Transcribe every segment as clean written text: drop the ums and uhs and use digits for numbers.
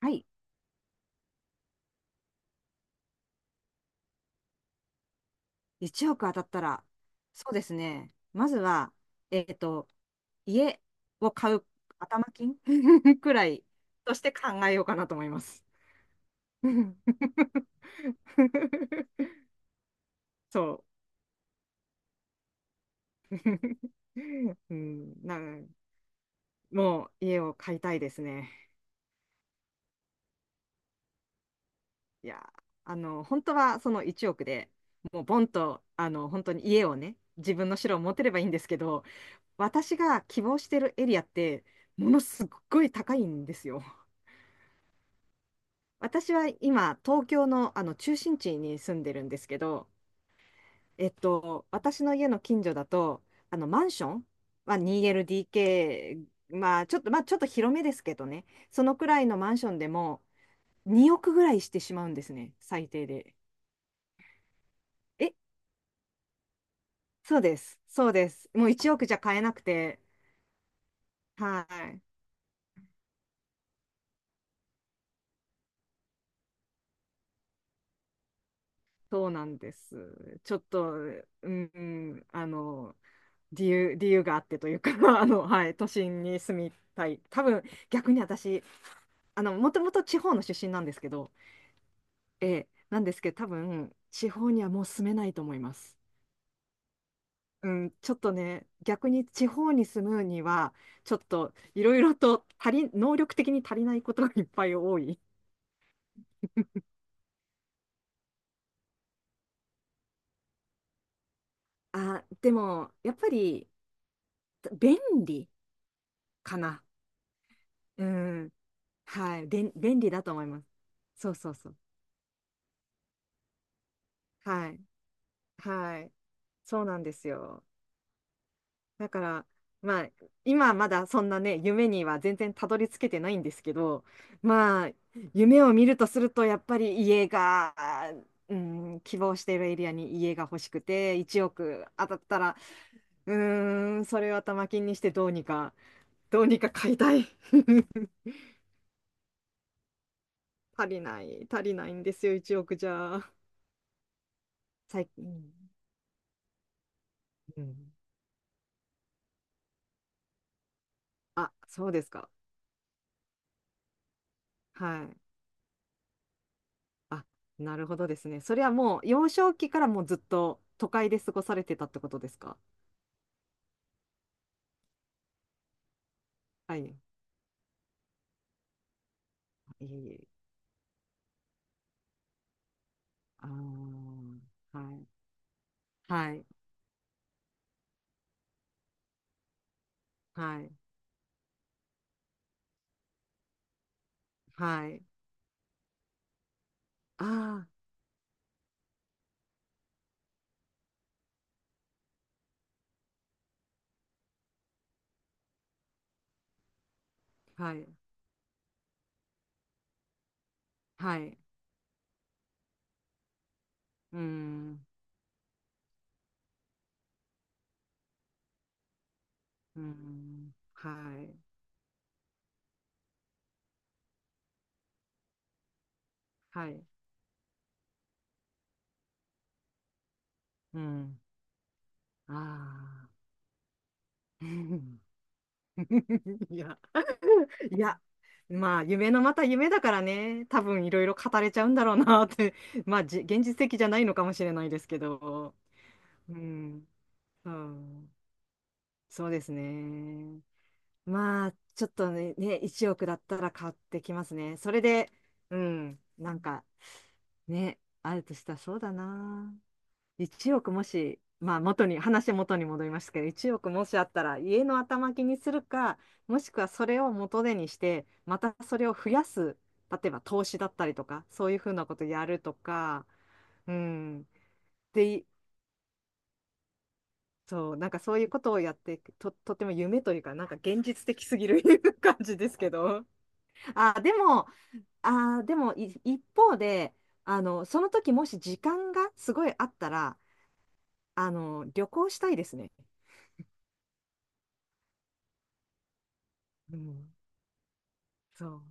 はい。1億当たったら、そうですね。まずは、えっと、家を買う頭金 くらいとして考えようかなと思います。そう。うん、もう家を買いたいですね。いや、本当はその1億でもうボンと、本当に家をね、自分の城を持てればいいんですけど、私が希望してるエリアって、ものすっごい高いんですよ。私は今、東京の、あの中心地に住んでるんですけど、私の家の近所だと、あのマンションは 2LDK、まあちょっと広めですけどね、そのくらいのマンションでも2億ぐらいしてしまうんですね、最低で。え、そうです、そうです。もう1億じゃ買えなくて、はい、そうなんです。ちょっと、うん、理由があってというか はい、都心に住みたい。多分、逆に私、もともと地方の出身なんですけど、ええ、なんですけど、多分、地方にはもう住めないと思います。うん、ちょっとね、逆に地方に住むには、ちょっといろいろと能力的に足りないことがいっぱい多い。あ、でも、やっぱり、便利かな。うん、はい、便利だと思います。そうそうそう。はい。はい。そうなんですよ。だから、まあ、今まだそんなね、夢には全然たどり着けてないんですけど、まあ、夢を見るとすると、やっぱり家が、うん、希望しているエリアに家が欲しくて、1億当たったら、うーん、それを頭金にしてどうにか買いたい。足りない、足りないんですよ、1億じゃ。最近、うん、あ、そうですか。はい。あなるほどですね。それはもう幼少期からもうずっと都会で過ごされてたってことですか？はい。いえいえ。あーはい。はい。はい。はい。ああ、はい。はい。うーん。うーん。はい。はい。うん。ああ。うん いや。いや。まあ、夢のまた夢だからね、多分いろいろ語れちゃうんだろうなって、まあ、現実的じゃないのかもしれないですけど。うん、うん、そうですね。まあ、ちょっとね、ね、1億だったら買ってきますね。それで、うん、なんか、ね、あるとしたらそうだな。1億もし、まあ、話元に戻りますけど、1億もしあったら、家の頭金にするか、もしくはそれを元手にして、またそれを増やす、例えば投資だったりとか、そういうふうなことやるとか、うん。でそう、なんかそういうことをやって、とても夢というか、なんか現実的すぎる 感じですけど。あ、でも、あ、でもい一方で、その時もし時間がすごいあったら、旅行したいですね。うん、そう。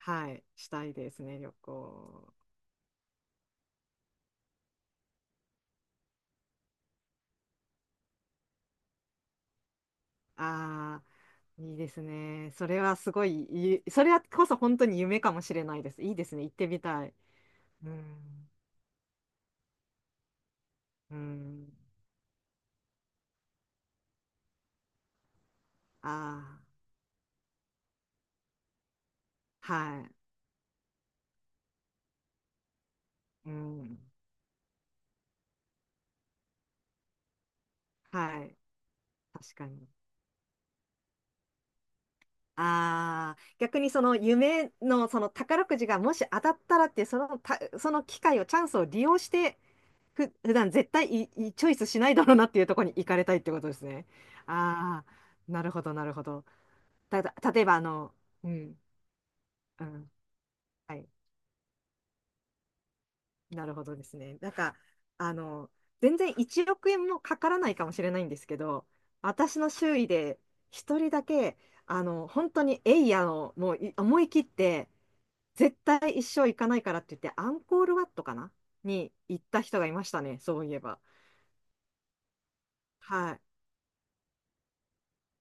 はい、したいですね、旅行。ああいいですね。それはすごい、それはこそ本当に夢かもしれないです。いいですね、行ってみたい。うん、うん、ああはい、うん。はい。確かに。ああ、逆にその夢の宝くじがもし当たったらって、そのた、その機会を、チャンスを利用して、普段絶対いいチョイスしないだろうなっていうところに行かれたいってことですね。ああ、なるほど、なるほど。ただ、例えば、うん、うん、はい、なるほどですね。なんか、あの、全然1億円もかからないかもしれないんですけど、私の周囲で一人だけ、本当にエイヤの、もう思い切って、絶対一生行かないからって言って、アンコールワットかなに行った人がいましたね、そういえば。はい。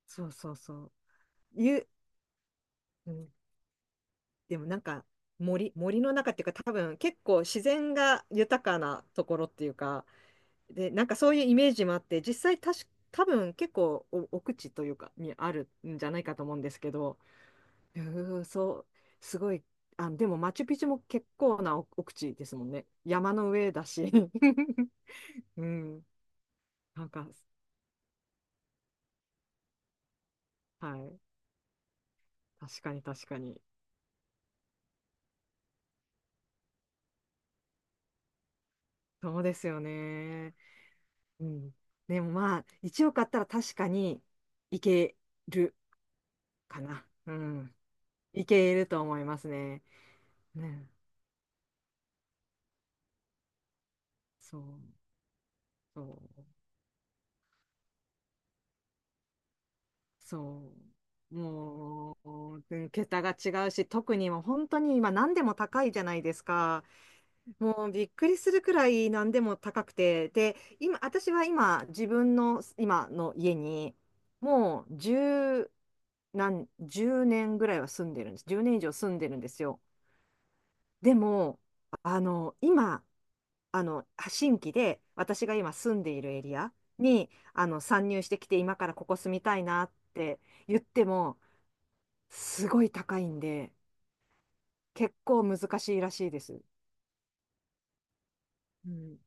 そうそうそう。ゆ、うん、でもなんか森の中っていうか、多分結構自然が豊かなところっていうか、で、なんかそういうイメージもあって、実際たし、多分結構奥地というかにあるんじゃないかと思うんですけど、うーそう、すごい、あ、でもマチュピチュも結構な奥地ですもんね。山の上だし。うん。なんかはい。確かに確かに。そうですよね。うん。でもまあ、1億あったら確かにいけるかな。うん。いけると思いますね。ね。そう、そう、そう。もう、桁が違うし、特にもう本当に今何でも高いじゃないですか。もうびっくりするくらい何でも高くて。で、今、私は今、自分の今の家に、もう10、なん10年ぐらいは住んでるんです。10年以上住んでるんですよ。でも、今、新規で私が今住んでいるエリアに、参入してきて、今からここ住みたいなって言っても、すごい高いんで、結構難しいらしいです。うん。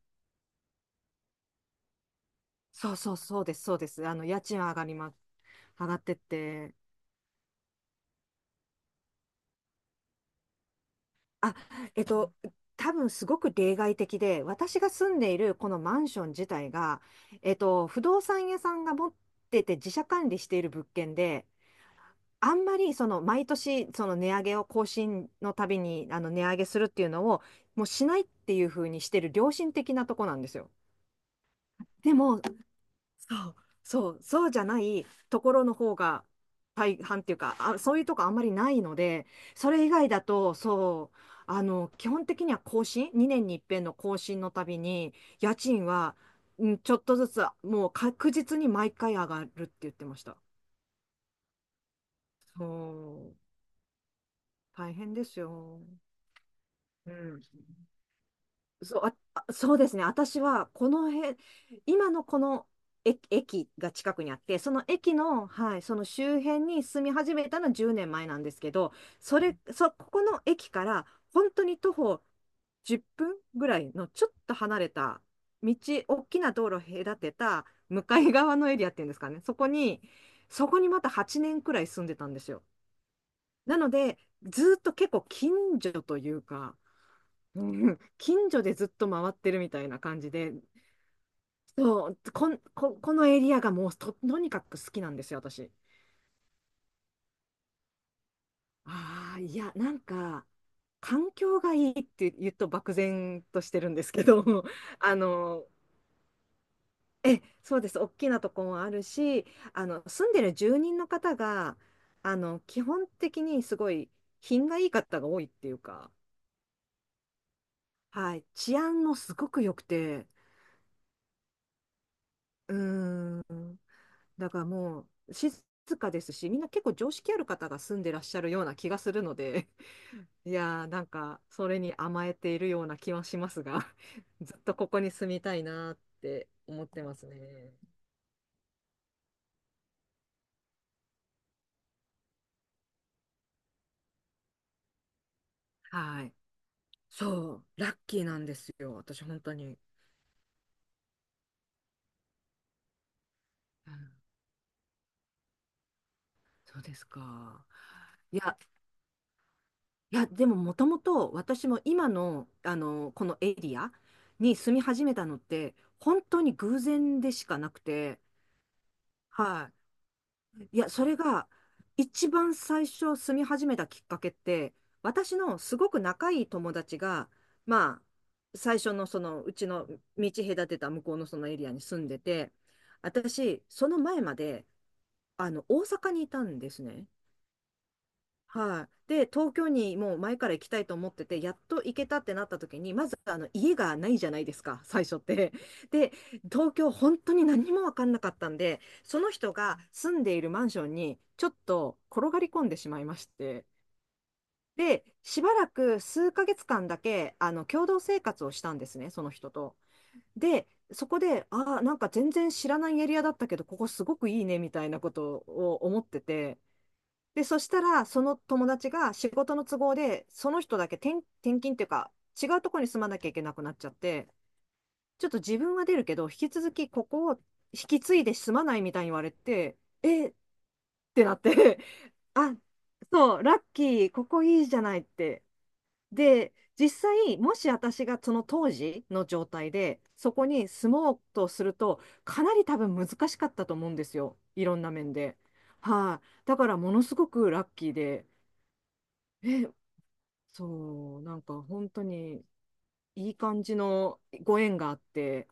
そうそうそうです、そうです。家賃は上がります。上がってって、あ、えっと、多分すごく例外的で、私が住んでいるこのマンション自体が、不動産屋さんが持ってて自社管理している物件で、あんまりその毎年その値上げを更新のたびに値上げするっていうのをもうしないっていうふうにしてる良心的なとこなんですよ。でもそう、そう、そうじゃないところの方が大半っていうか、あ、そういうとこあんまりないので、それ以外だと、そう、基本的には2年に一遍の更新のたびに、家賃は、うん、ちょっとずつ、もう確実に毎回上がるって言ってました。そう、大変ですよ。そう、あそうですね。私は、この辺、今のこの駅が近くにあって、その駅の、はい、その周辺に住み始めたのは10年前なんですけど、それ、そ、ここの駅から、本当に徒歩10分ぐらいのちょっと離れた、道、大きな道路を隔てた、向かい側のエリアっていうんですかね。そこにまた8年くらい住んでたんですよ。なので、ずーっと結構近所というか、うん 近所でずっと回ってるみたいな感じで、そう、こん、こ、このエリアがもうとにかく好きなんですよ、私。ああ、いや、なんか、環境がいいって言うと漠然としてるんですけど、あの、そうです、大きなとこもあるし、住んでる住人の方が、基本的にすごい品がいい方が多いっていうか、はい、治安もすごく良くて、うーんだからもう静かですし、みんな結構常識ある方が住んでらっしゃるような気がするので、いやーなんかそれに甘えているような気はしますが、ずっとここに住みたいなーって思ってますね。はい。そう、ラッキーなんですよ、私、本当に。うんそうですか。いや、いや、でももともと私も今の、このエリアに住み始めたのって、本当に偶然でしかなくて、はい。いや、それが一番最初住み始めたきっかけって、私のすごく仲いい友達が、まあ、最初のそのうちの道隔てた向こうのそのエリアに住んでて、私、その前まで、大阪にいたんですね。はい。で、東京にもう前から行きたいと思ってて、やっと行けたってなった時に、まずあの家がないじゃないですか、最初って。で、東京本当に何も分かんなかったんで、その人が住んでいるマンションにちょっと転がり込んでしまいまして。で、しばらく数ヶ月間だけ、共同生活をしたんですね、その人と。で、そこで、ああ、なんか全然知らないエリアだったけど、ここすごくいいね、みたいなことを思ってて、で、そしたら、その友達が仕事の都合で、その人だけ転勤っていうか、違うところに住まなきゃいけなくなっちゃって、ちょっと自分は出るけど、引き続きここを引き継いで住まないみたいに言われて、えってなって あ、そう、ラッキー、ここいいじゃないって。で、実際、もし私がその当時の状態で、そこに住もうとすると、かなり多分難しかったと思うんですよ。いろんな面で。はい、だから、ものすごくラッキーで。え、そう、なんか本当にいい感じのご縁があって、